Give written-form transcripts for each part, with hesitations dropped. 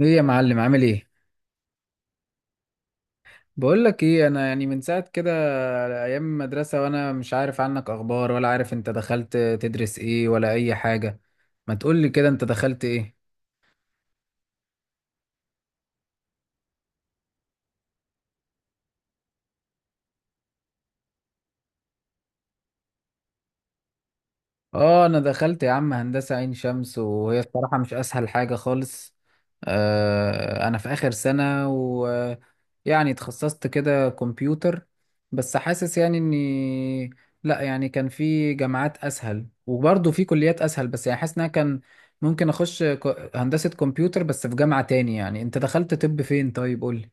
ايه يا معلم عامل ايه؟ بقول لك ايه، انا يعني من ساعه كده، ايام المدرسه وانا مش عارف عنك اخبار ولا عارف انت دخلت تدرس ايه ولا اي حاجه. ما تقول لي كده انت دخلت ايه؟ اه انا دخلت يا عم هندسة عين شمس، وهي الصراحة مش اسهل حاجة خالص. آه انا في اخر سنة ويعني اتخصصت كده كمبيوتر. بس حاسس يعني اني، لا يعني كان في جامعات اسهل وبرضه في كليات اسهل، بس يعني حاسس ان انا كان ممكن اخش هندسة كمبيوتر بس في جامعة تاني. يعني انت دخلت طب فين؟ طيب قولي.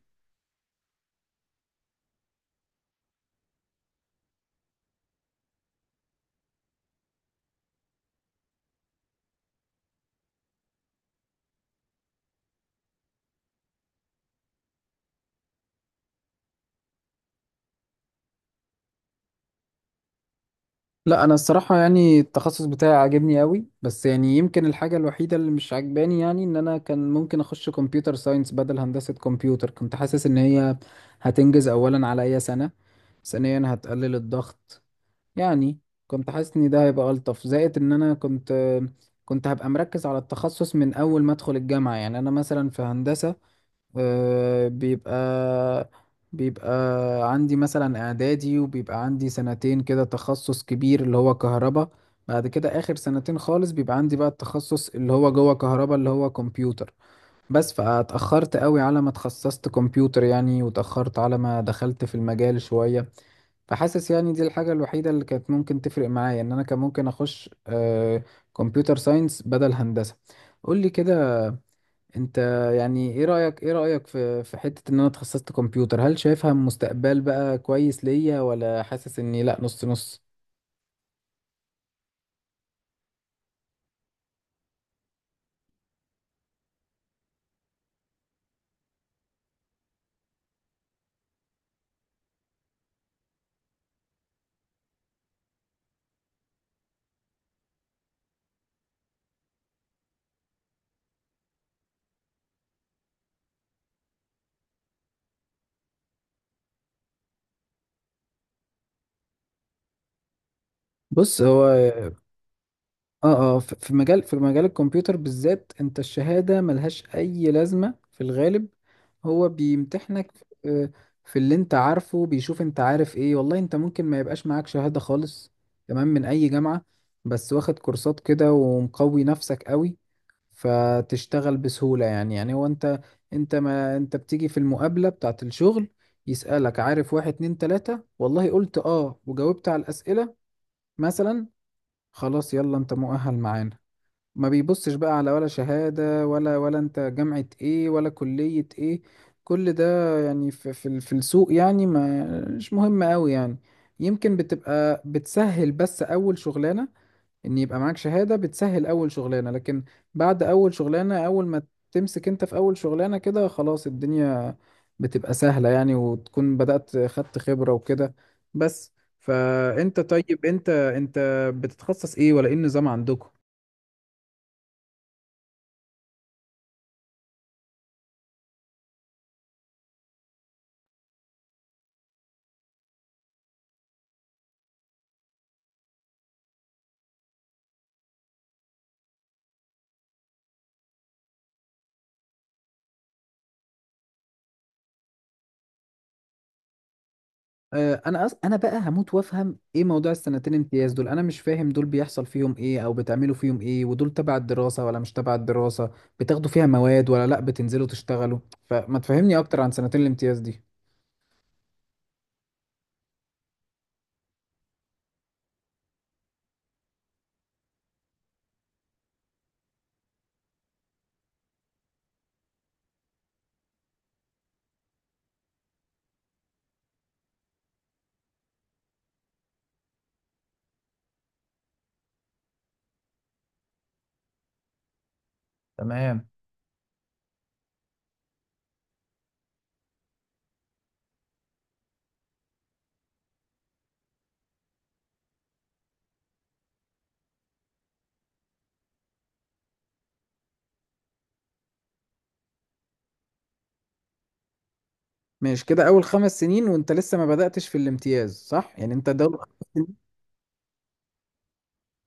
لا انا الصراحه يعني التخصص بتاعي عاجبني قوي، بس يعني يمكن الحاجه الوحيده اللي مش عاجباني، يعني ان انا كان ممكن اخش كمبيوتر ساينس بدل هندسه كمبيوتر. كنت حاسس ان هي هتنجز اولا عليا سنه، ثانيا هتقلل الضغط يعني. كنت حاسس ان ده هيبقى الطف، زائد ان انا كنت هبقى مركز على التخصص من اول ما ادخل الجامعه. يعني انا مثلا في هندسه آه، بيبقى عندي مثلا اعدادي، وبيبقى عندي سنتين كده تخصص كبير اللي هو كهرباء. بعد كده اخر سنتين خالص بيبقى عندي بقى التخصص اللي هو جوه كهرباء اللي هو كمبيوتر. بس فاتأخرت قوي على ما اتخصصت كمبيوتر يعني، وتأخرت على ما دخلت في المجال شوية. فحاسس يعني دي الحاجة الوحيدة اللي كانت ممكن تفرق معايا، ان انا كان ممكن اخش كمبيوتر ساينس بدل هندسة. قول لي كده انت، يعني ايه رأيك؟ ايه رأيك في حتة ان انا اتخصصت كمبيوتر؟ هل شايفها مستقبل بقى كويس ليا، ولا حاسس اني لا، نص نص؟ بص هو، في مجال في مجال الكمبيوتر بالذات، انت الشهادة ملهاش اي لازمة في الغالب. هو بيمتحنك في في اللي انت عارفه، بيشوف انت عارف ايه. والله انت ممكن ما يبقاش معاك شهادة خالص، تمام، من اي جامعة، بس واخد كورسات كده ومقوي نفسك قوي، فتشتغل بسهولة يعني. يعني هو انت، انت ما انت بتيجي في المقابلة بتاعة الشغل، يسألك عارف واحد اتنين تلاتة، والله قلت اه وجاوبت على الأسئلة مثلا، خلاص يلا انت مؤهل معانا. ما بيبصش بقى على ولا شهادة ولا، ولا انت جامعة ايه ولا كلية ايه. كل ده يعني في في السوق يعني، ما مش مهم قوي يعني. يمكن بتبقى بتسهل بس اول شغلانة، ان يبقى معاك شهادة بتسهل اول شغلانة، لكن بعد اول شغلانة، اول ما تمسك انت في اول شغلانة كده، خلاص الدنيا بتبقى سهلة يعني، وتكون بدأت خدت خبرة وكده بس. فانت طيب، انت بتتخصص ايه ولا ايه النظام عندكم؟ آه، انا بقى هموت وافهم ايه موضوع السنتين امتياز دول، انا مش فاهم دول بيحصل فيهم ايه او بتعملوا فيهم ايه، ودول تبع الدراسة ولا مش تبع الدراسة؟ بتاخدوا فيها مواد ولا لا بتنزلوا تشتغلوا؟ فما تفهمني اكتر عن سنتين الامتياز دي. تمام. ماشي كده اول خمس سنين وانت لسه ما بدأتش في الامتياز، صح؟ يعني انت دول،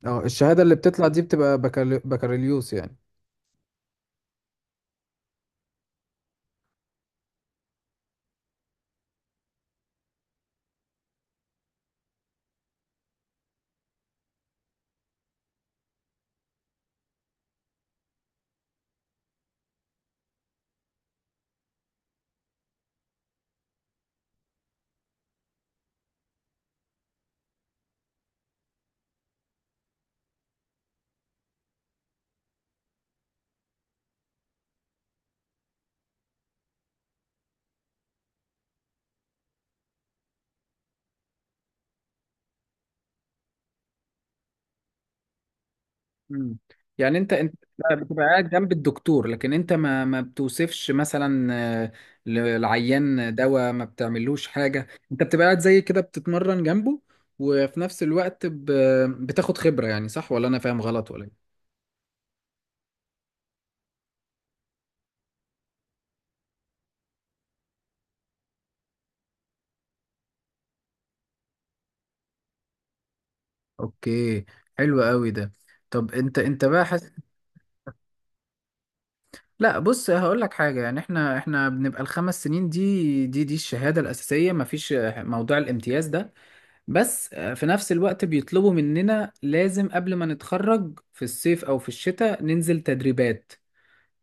اه الشهادة اللي بتطلع دي بتبقى بكالوريوس يعني. مم. يعني انت بتبقى قاعد جنب الدكتور، لكن انت ما بتوصفش مثلا آه، للعيان دواء، ما بتعملوش حاجة. انت بتبقى قاعد زي كده بتتمرن جنبه، وفي نفس الوقت بتاخد خبرة يعني. صح ولا انا فاهم غلط ولا ايه؟ اوكي. حلو قوي ده. طب انت بقى حاسس، لا بص هقول لك حاجه، يعني احنا بنبقى الخمس سنين دي، دي الشهاده الاساسيه، مفيش موضوع الامتياز ده. بس آه، في نفس الوقت بيطلبوا مننا لازم قبل ما نتخرج في الصيف او في الشتاء ننزل تدريبات.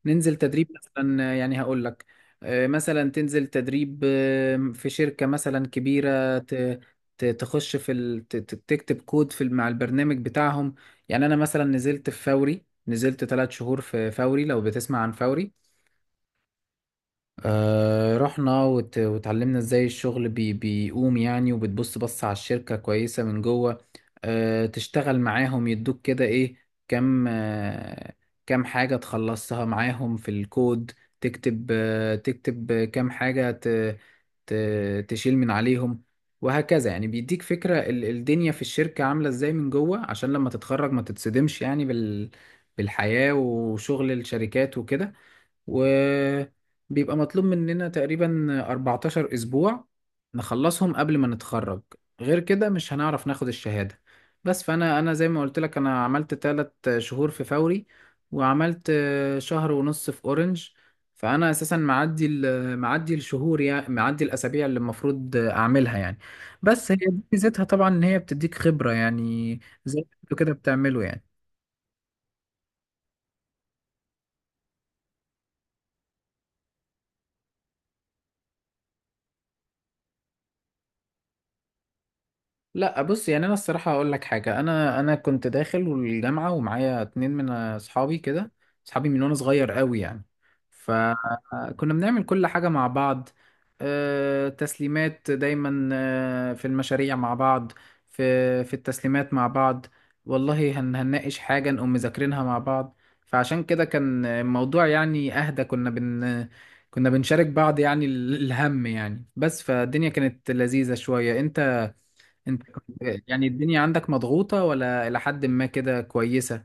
ننزل تدريب مثلا آه، يعني هقول لك، آه، مثلا تنزل تدريب آه، في شركة مثلا كبيرة، تخش في تكتب كود في مع البرنامج بتاعهم. يعني انا مثلا نزلت في فوري، نزلت ثلاث شهور في فوري، لو بتسمع عن فوري. آه رحنا وتعلمنا ازاي الشغل بيقوم يعني، وبتبص على الشركة كويسة من جوه. آه تشتغل معاهم، يدوك كده ايه، كم آه كم حاجة تخلصها معاهم في الكود، تكتب آه تكتب كم حاجة ت... تشيل من عليهم، وهكذا. يعني بيديك فكرة الدنيا في الشركة عاملة ازاي من جوه، عشان لما تتخرج ما تتصدمش يعني بالحياة وشغل الشركات وكده. وبيبقى مطلوب مننا تقريبا 14 أسبوع نخلصهم قبل ما نتخرج، غير كده مش هنعرف ناخد الشهادة. بس أنا زي ما قلت لك أنا عملت تلات شهور في فوري، وعملت شهر ونص في أورنج. فأنا أساسا معدي معدي الشهور يعني، معدي الأسابيع اللي المفروض أعملها يعني. بس هي دي ميزتها طبعا، إن هي بتديك خبرة يعني، زي ما انتوا كده بتعمله يعني. لا بص يعني انا الصراحه هقول لك حاجه، انا كنت داخل الجامعه ومعايا اتنين من اصحابي كده، اصحابي من وانا صغير قوي يعني، فكنا بنعمل كل حاجه مع بعض. آه، تسليمات دايما آه، في المشاريع مع بعض، في التسليمات مع بعض. والله هنناقش حاجه نقوم مذاكرينها مع بعض. فعشان كده كان الموضوع يعني اهدى، كنا بنشارك بعض يعني الهم يعني بس، فالدنيا كانت لذيذه شويه. انت، انت كنت، يعني الدنيا عندك مضغوطة ولا إلى حد ما كده كويسة؟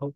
هو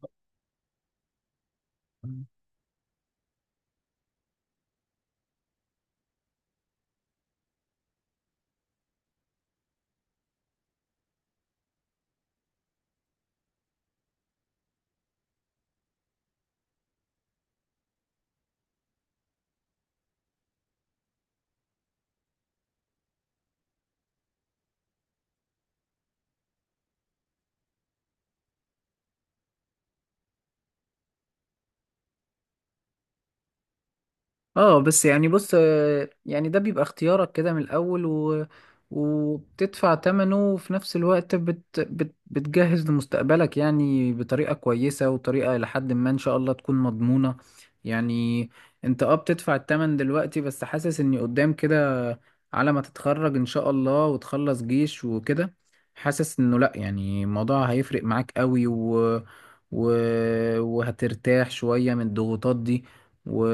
اه، بس يعني بص آه، يعني ده بيبقى اختيارك كده من الأول، وبتدفع تمنه، وفي نفس الوقت بتجهز لمستقبلك يعني بطريقة كويسة، وطريقة لحد ما إن شاء الله تكون مضمونة يعني. انت اه بتدفع التمن دلوقتي، بس حاسس اني قدام كده، على ما تتخرج إن شاء الله وتخلص جيش وكده، حاسس انه لأ، يعني الموضوع هيفرق معاك قوي، و... وهترتاح شوية من الضغوطات دي، و...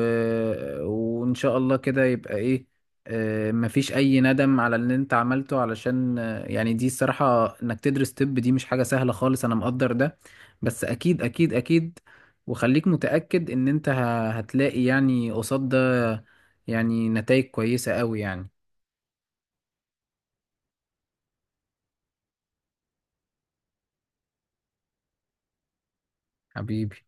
وإن شاء الله كده يبقى إيه، آه، مفيش أي ندم على اللي أنت عملته. علشان آه، يعني دي الصراحة إنك تدرس طب دي مش حاجة سهلة خالص، أنا مقدر ده. بس أكيد أكيد أكيد، وخليك متأكد إن أنت هتلاقي يعني قصاد ده يعني نتائج كويسة أوي يعني. حبيبي.